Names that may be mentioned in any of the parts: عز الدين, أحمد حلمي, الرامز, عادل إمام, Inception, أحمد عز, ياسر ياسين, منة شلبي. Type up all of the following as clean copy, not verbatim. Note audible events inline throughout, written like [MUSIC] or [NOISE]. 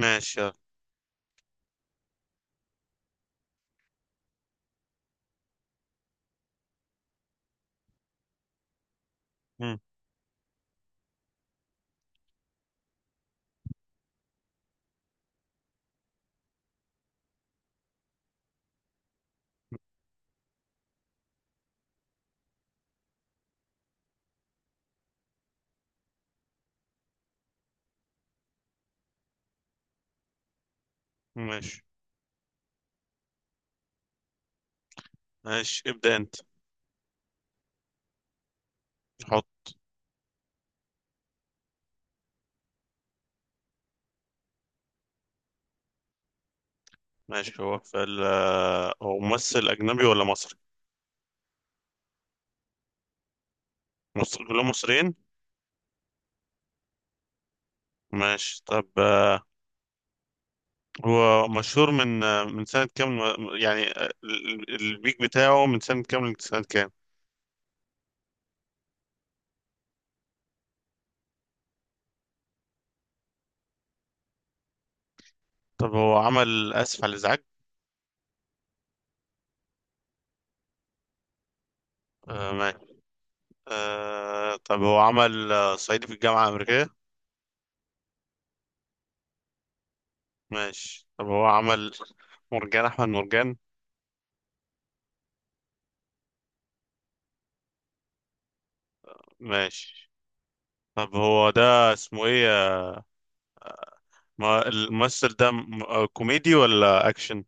ماشي يلا. مم. ماشي ماشي ابدأ انت. حط. ماشي، هو في ال هو ممثل أجنبي ولا مصري؟ مصر كلهم مصريين؟ ماشي طب هو مشهور من من سنة كام؟ يعني البيك بتاعه من سنة كام لسنة كام؟ طب هو عمل آسف على الإزعاج؟ آه ماشي. آه طب هو عمل صعيدي في الجامعة الأمريكية؟ ماشي طب هو عمل مرجان أحمد مرجان؟ ماشي طب هو ده اسمه إيه؟ ما الممثل ده كوميدي ولا اكشن؟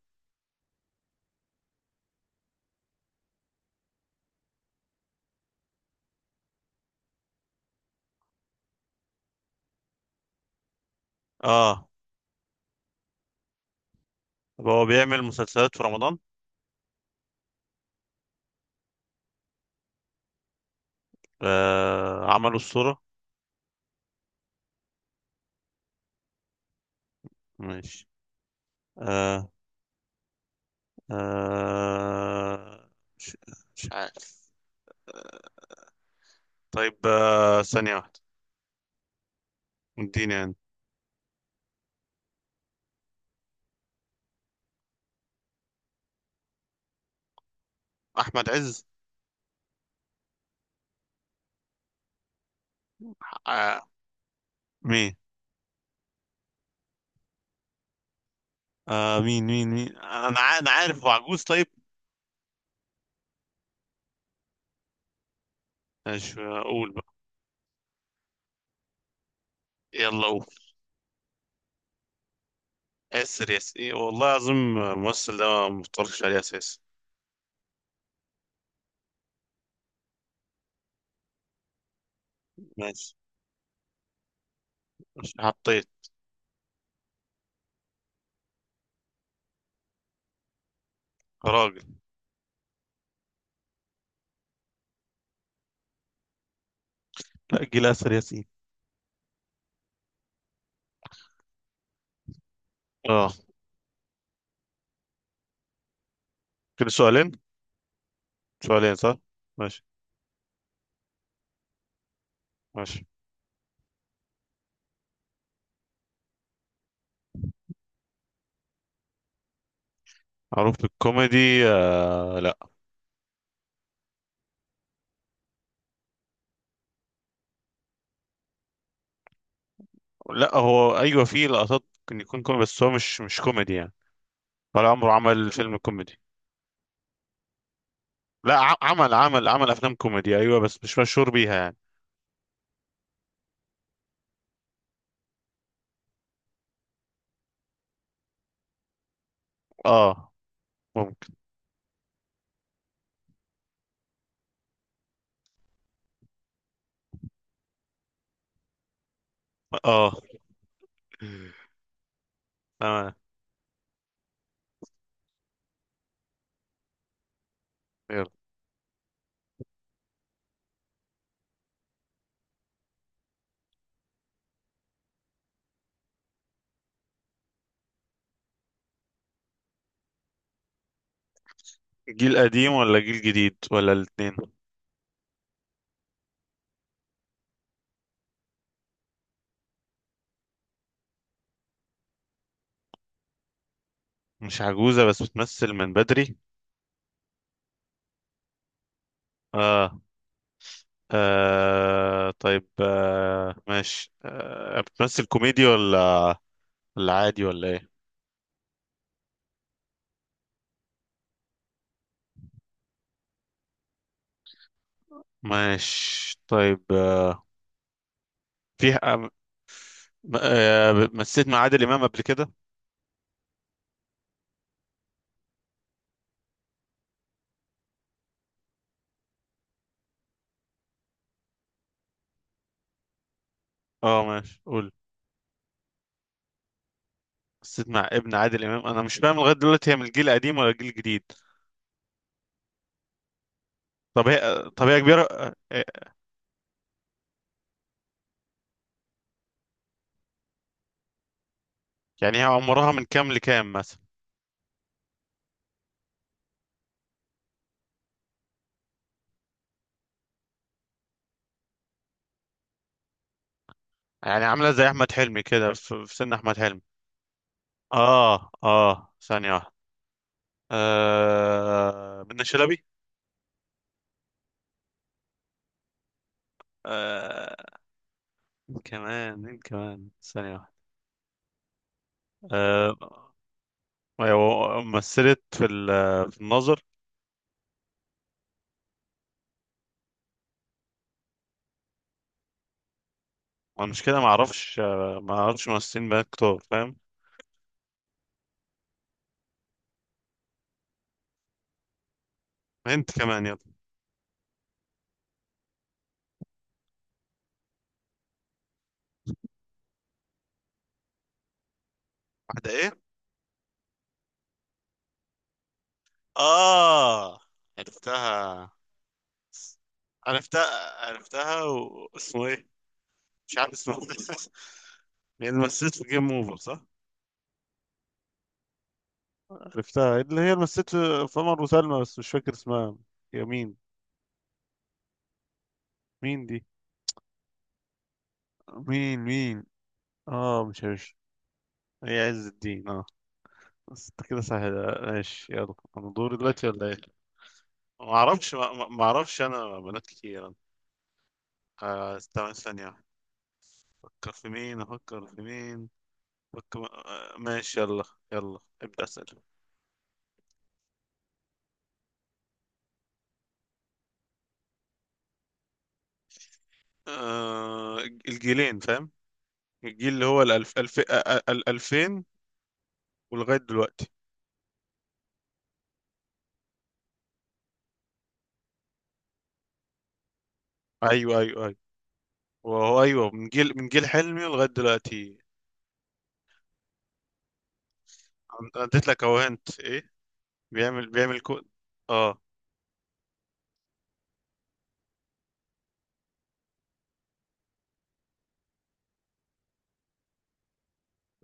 اه طب هو بيعمل مسلسلات في رمضان؟ آه عملوا الصورة. ماشي. آه آه مش, مش عارف. طيب آه ثانية واحدة. اديني يعني. احمد عز. آه مين؟ انا عارف هو عجوز طيب. مش اقول بقى؟ يلا قول. ياسر، ياسر إيه، والله العظيم الممثل ده ما مفترضش عليه اساسا. ماشي. مش حطيت. راجل. لا، جيل ياسر ياسين. اه كده سؤالين، سؤالين صح. ماشي. ماشي. معروف بالكوميدي. آه لا. لا هو ايوه فيه لقطات ممكن يكون كوميدي بس هو مش كوميدي يعني. ولا عمره عمل فيلم كوميدي. لا عمل افلام كوميدي ايوه بس مش مشهور بيها يعني. اه. ممكن. اه. تمام. يلا. جيل قديم ولا جيل جديد ولا الاتنين؟ مش عجوزة بس بتمثل من بدري. اه, آه. طيب آه. ماشي آه. بتمثل كوميدي ولا ولا عادي ولا ايه؟ ماشي طيب في مثلت مع عادل إمام قبل كده؟ اه ماشي قول. مثلت مع ابن عادل إمام؟ انا مش فاهم لغاية دلوقتي هي من الجيل القديم ولا الجيل الجديد. طب هي، طب هي كبيرة يعني هي عمرها من كام لكام مثلا؟ يعني عاملة زي أحمد حلمي كده، في سن أحمد حلمي؟ اه اه ثانية واحدة. آه منة شلبي. آه. كمان مين؟ كمان ثانية واحدة. آه أيوة مثلت في في الناظر. ما المشكلة، ما اعرفش. ما اعرفش ممثلين بقى كتار، فاهم. انت كمان يلا. واحدة ايه؟ اه. عرفتها. عرفتها. عرفتها واسمه ايه؟ مش عارف اسمه. [LAUGHS] هي اللي مثلت في جيم اوفر صح؟ عرفتها اللي هي اللي مثلت في عمر وسلمى بس مش فاكر اسمها. هي مين؟ مين دي؟ مين؟ مين؟ اه مش عارف. هي عز الدين اه. بس انت كده سهل. ماشي يلا، انا دوري دلوقتي ولا ايه؟ ما اعرفش، ما اعرفش انا، بنات كتير. آه استنى ثانية. أفكر في مين، أفكر في مين، أفكر آه ماشي يلا. يلا ابدأ أسأل. آه الجيلين فاهم. الجيل اللي هو الألف، ألف ألفين ولغاية دلوقتي. أيوه أيوه أيوه. وهو أيوه من جيل، من جيل حلمي لغاية دلوقتي. اديت لك أهو، هنت إيه؟ بيعمل كود. آه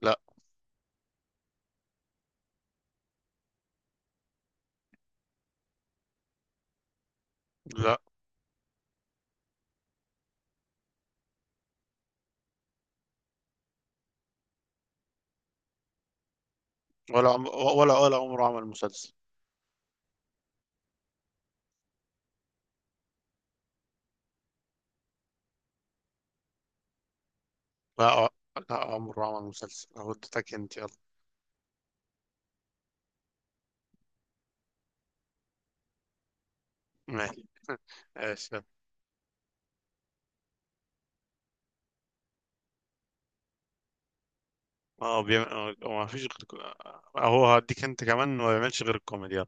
لا. لا. ولا عم... ولا ولا عمره عمل مسلسل. لا آه، لا عمره عمل مسلسل أهو اديتك هنت يلا. ماشي. ماشي. اه بيعمل، ما فيش غير. اهو هديك انت كمان، ما بيعملش غير الكوميدي يلا.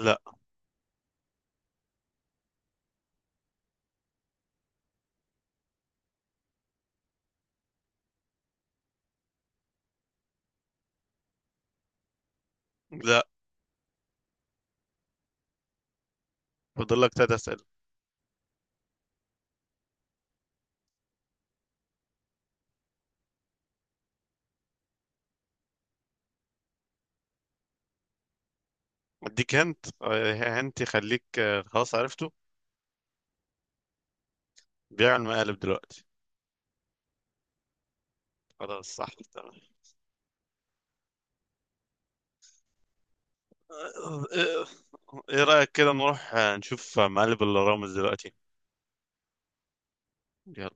لا لا. فاضل لك تلات اسئله. اديك هنت هنت يخليك خلاص عرفته. بيعمل مقالب دلوقتي. خلاص صح تمام. آه، آه، ايه رايك كده نروح نشوف مقالب الرامز دلوقتي؟ يلا.